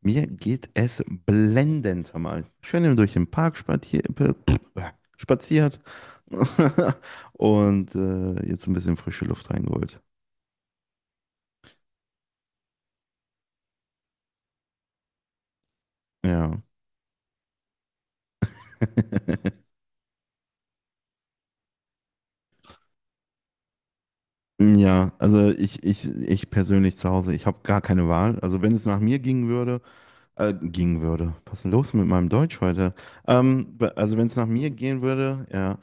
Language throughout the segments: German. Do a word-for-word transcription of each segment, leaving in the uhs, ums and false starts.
Mir geht es blendend, hör mal. Schön durch den Park spazier äh, spaziert und äh, jetzt ein bisschen frische Luft reingeholt. Ja. Ja, also ich, ich, ich persönlich zu Hause, ich habe gar keine Wahl. Also wenn es nach mir gingen würde, Äh, gingen würde. Was ist denn los mit meinem Deutsch heute? Ähm, be- also wenn es nach mir gehen würde, ja,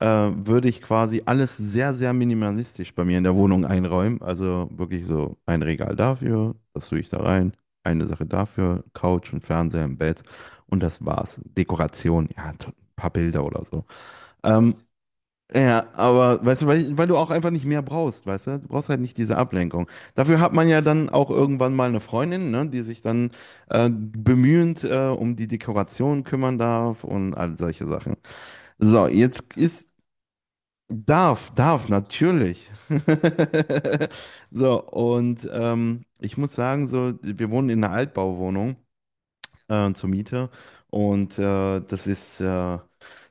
äh, würde ich quasi alles sehr, sehr minimalistisch bei mir in der Wohnung einräumen. Also wirklich so ein Regal dafür, das tue ich da rein, eine Sache dafür, Couch und Fernseher im Bett und das war's. Dekoration, ja, t- ein paar Bilder oder so. Ähm, ja, aber weißt du, weil, weil du auch einfach nicht mehr brauchst, weißt du? Du brauchst halt nicht diese Ablenkung. Dafür hat man ja dann auch irgendwann mal eine Freundin, ne, die sich dann äh, bemühend äh, um die Dekoration kümmern darf und all solche Sachen. So, jetzt ist, darf, darf, natürlich. So, und ähm, ich muss sagen, so, wir wohnen in einer Altbauwohnung äh, zur Miete und äh, das ist äh,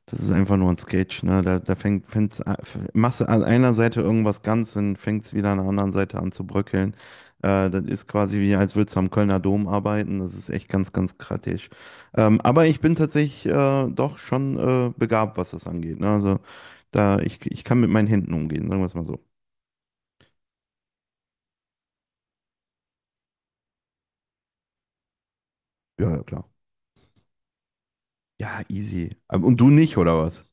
das ist einfach nur ein Sketch, ne? Da, da fängt, fängt's, a- f- Machst du an einer Seite irgendwas ganz, dann fängt es wieder an der anderen Seite an zu bröckeln. Äh, das ist quasi wie, als würdest du am Kölner Dom arbeiten. Das ist echt ganz, ganz kritisch. Ähm, aber ich bin tatsächlich äh, doch schon äh, begabt, was das angeht. Ne? Also da, ich, ich kann mit meinen Händen umgehen, sagen wir es mal so. Ja, ja, klar. Ja, easy. Aber- Und du nicht, oder was?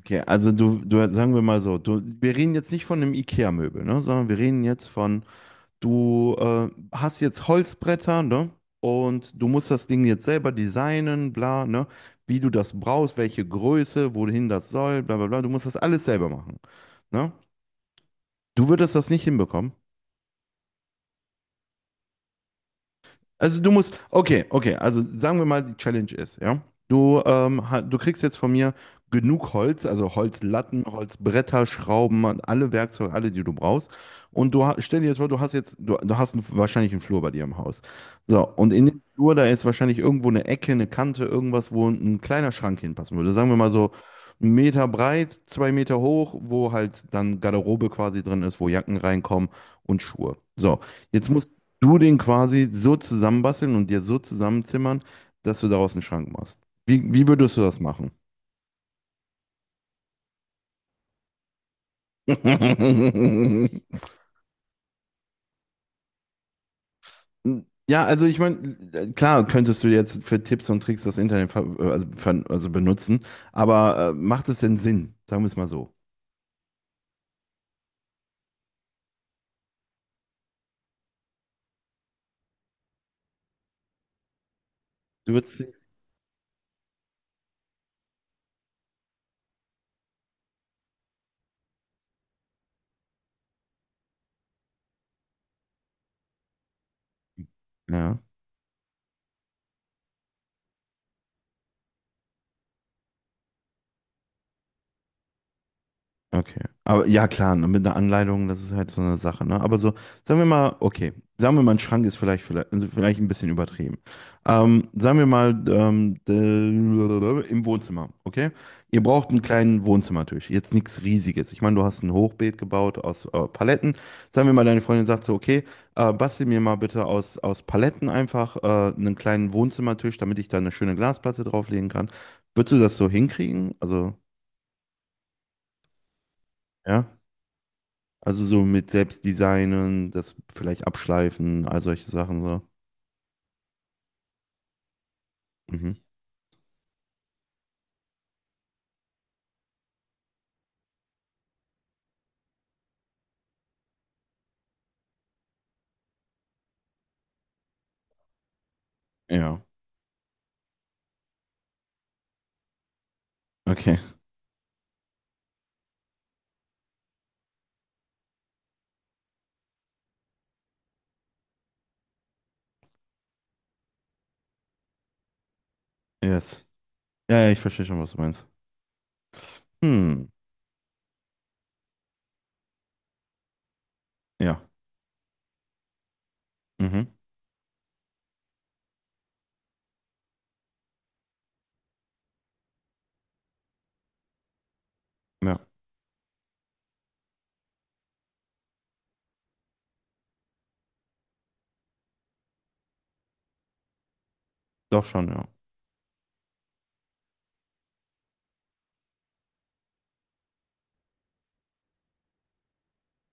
Okay, also du, du, sagen wir mal so, du, wir reden jetzt nicht von einem IKEA-Möbel, ne? Sondern wir reden jetzt von. Du äh, hast jetzt Holzbretter, ne? Und du musst das Ding jetzt selber designen, bla, ne? Wie du das brauchst, welche Größe, wohin das soll, bla, bla, bla. Du musst das alles selber machen, ne? Du würdest das nicht hinbekommen. Also du musst, okay, okay, also sagen wir mal, die Challenge ist, ja. Du, ähm, ha- du kriegst jetzt von mir genug Holz, also Holzlatten, Holzbretter, Schrauben, alle Werkzeuge, alle, die du brauchst. Und du ha- stell dir jetzt vor, du hast jetzt, du, du hast einen, wahrscheinlich einen Flur bei dir im Haus. So, und in dem Flur, da ist wahrscheinlich irgendwo eine Ecke, eine Kante, irgendwas, wo ein kleiner Schrank hinpassen würde. Sagen wir mal so einen Meter breit, zwei Meter hoch, wo halt dann Garderobe quasi drin ist, wo Jacken reinkommen und Schuhe. So. Jetzt muss du den quasi so zusammenbasteln und dir so zusammenzimmern, dass du daraus einen Schrank machst. Wie, wie würdest du das machen? Ja, also ich meine, klar könntest du jetzt für Tipps und Tricks das Internet ver äh, also, ver also benutzen, aber äh, macht es denn Sinn? Sagen wir es mal so. Du würdest, ja. Okay. Aber ja, klar, ne, mit einer Anleitung, das ist halt so eine Sache, ne? Aber so, sagen wir mal, okay, sagen wir mal, ein Schrank ist vielleicht, vielleicht, also vielleicht ein bisschen übertrieben. Ähm, sagen wir mal, ähm, d- im Wohnzimmer, okay? Ihr braucht einen kleinen Wohnzimmertisch, jetzt nichts Riesiges. Ich meine, du hast ein Hochbeet gebaut aus äh, Paletten. Sagen wir mal, deine Freundin sagt so, okay, äh, bastel mir mal bitte aus, aus Paletten einfach äh, einen kleinen Wohnzimmertisch, damit ich da eine schöne Glasplatte drauflegen kann. Würdest du das so hinkriegen? Also, ja? Also so mit Selbstdesignen, das vielleicht abschleifen, all solche Sachen so. Mhm. Ja. Okay. Yes. Ja, ja, ich verstehe schon, was du meinst. Hm. Ja. Mhm. Ja. Doch schon, ja.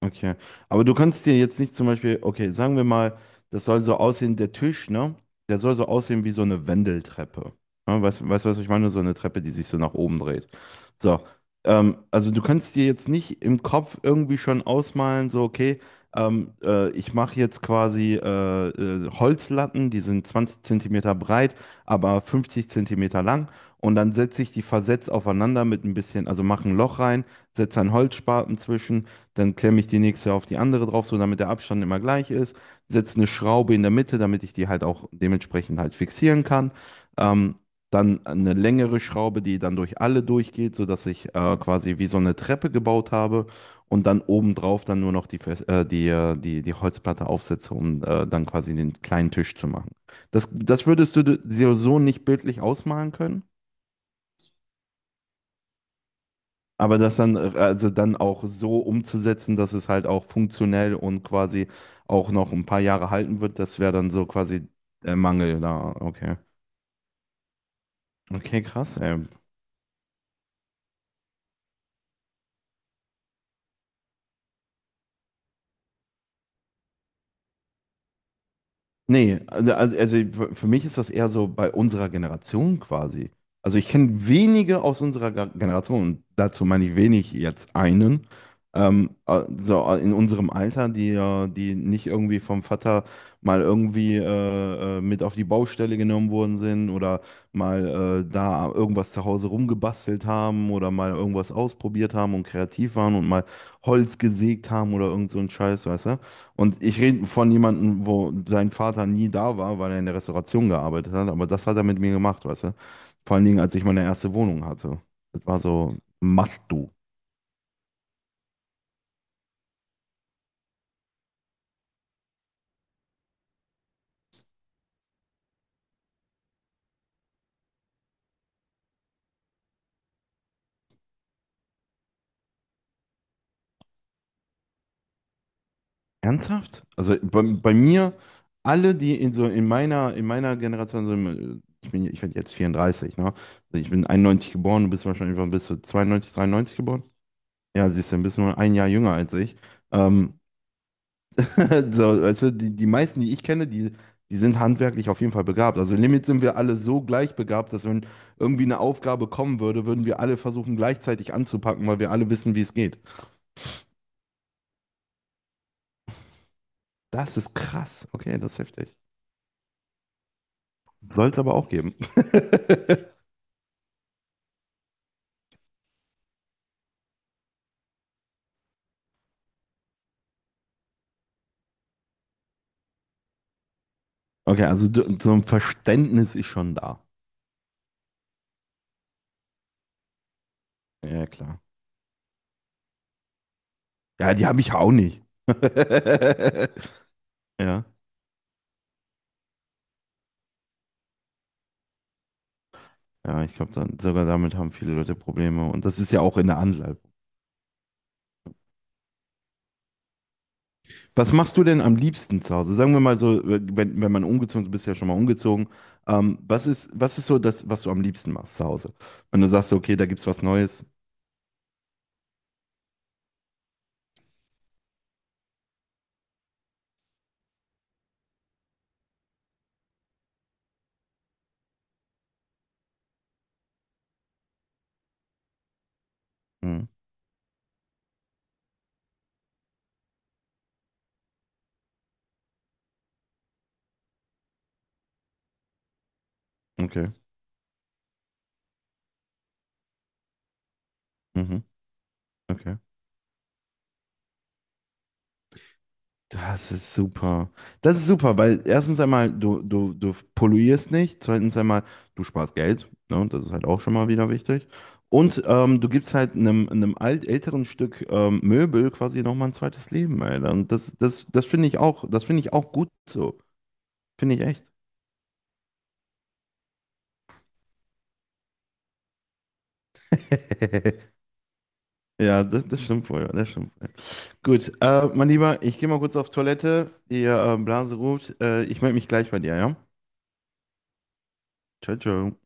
Okay. Aber du kannst dir jetzt nicht zum Beispiel, okay, sagen wir mal, das soll so aussehen, der Tisch, ne? Der soll so aussehen wie so eine Wendeltreppe. Ne? Weißt du, weißt, du, was ich meine? So eine Treppe, die sich so nach oben dreht. So. Ähm, also du kannst dir jetzt nicht im Kopf irgendwie schon ausmalen, so, okay, ähm, äh, ich mache jetzt quasi äh, äh, Holzlatten, die sind zwanzig Zentimeter breit, aber fünfzig Zentimeter lang. Und dann setze ich die versetzt aufeinander mit ein bisschen, also mache ein Loch rein, setze einen Holzspaten zwischen, dann klemme ich die nächste auf die andere drauf, so damit der Abstand immer gleich ist, setze eine Schraube in der Mitte, damit ich die halt auch dementsprechend halt fixieren kann. Ähm, Dann eine längere Schraube, die dann durch alle durchgeht, sodass ich äh, quasi wie so eine Treppe gebaut habe und dann obendrauf dann nur noch die, Fes- äh, die, äh, die, die Holzplatte aufsetze, um äh, dann quasi den kleinen Tisch zu machen. Das, das würdest du dir so nicht bildlich ausmalen können? Aber das dann, äh, also dann auch so umzusetzen, dass es halt auch funktionell und quasi auch noch ein paar Jahre halten wird, das wäre dann so quasi der Mangel da. Okay. Okay, krass, ey. Nee, also, also also für mich ist das eher so bei unserer Generation quasi. Also ich kenne wenige aus unserer Ge- Generation, und dazu meine ich wenig jetzt einen, ähm, äh, so äh, in unserem Alter, die, äh, die nicht irgendwie vom Vater mal irgendwie äh, äh, mit auf die Baustelle genommen worden sind oder mal äh, da irgendwas zu Hause rumgebastelt haben oder mal irgendwas ausprobiert haben und kreativ waren und mal Holz gesägt haben oder irgend so ein Scheiß, weißt du? Und ich rede von jemandem, wo sein Vater nie da war, weil er in der Restauration gearbeitet hat, aber das hat er mit mir gemacht, weißt du? Vor allen Dingen, als ich meine erste Wohnung hatte. Das war so, must do. Ernsthaft? Also bei, bei mir, alle, die in, so in meiner, in meiner Generation, so im, ich bin, ich werde jetzt vierunddreißig, ne? Also ich bin einundneunzig geboren, du bist wahrscheinlich, wann bist du zweiundneunzig, dreiundneunzig geboren? Ja, siehst du, dann bist du nur ein Jahr jünger als ich. Ähm, So, weißt du, die, die meisten, die ich kenne, die, die sind handwerklich auf jeden Fall begabt. Also im Limit sind wir alle so gleich begabt, dass wenn irgendwie eine Aufgabe kommen würde, würden wir alle versuchen, gleichzeitig anzupacken, weil wir alle wissen, wie es geht. Das ist krass. Okay, das ist heftig. Soll es aber auch geben. Okay, also du- so ein Verständnis ist schon da. Ja, klar. Ja, die habe ich auch nicht. Ja, ja, ich glaube, dann sogar damit haben viele Leute Probleme. Und das ist ja auch in der Anlage. Was machst du denn am liebsten zu Hause? Sagen wir mal so, äh, wenn, wenn man umgezogen ist, du bist ja schon mal umgezogen. Ähm, was ist, was ist so das, was du am liebsten machst zu Hause? Wenn du sagst, so, okay, da gibt's was Neues. Mhm. Okay. Mhm. Okay. Das ist super. Das ist super, weil erstens einmal, du, du, du polluierst nicht. Zweitens einmal, du sparst Geld. Ne? Das ist halt auch schon mal wieder wichtig. Und ähm, du gibst halt einem, einem alt, älteren Stück ähm, Möbel quasi nochmal ein zweites Leben, Alter. Und das, das, das finde ich auch, das finde ich auch gut so. Finde ich echt. Ja, das, das stimmt wohl, ja, das stimmt wohl. Gut, äh, mein Lieber, ich gehe mal kurz auf Toilette. Die äh, Blase ruft. Äh, ich melde mich gleich bei dir, ja? Ciao, ciao.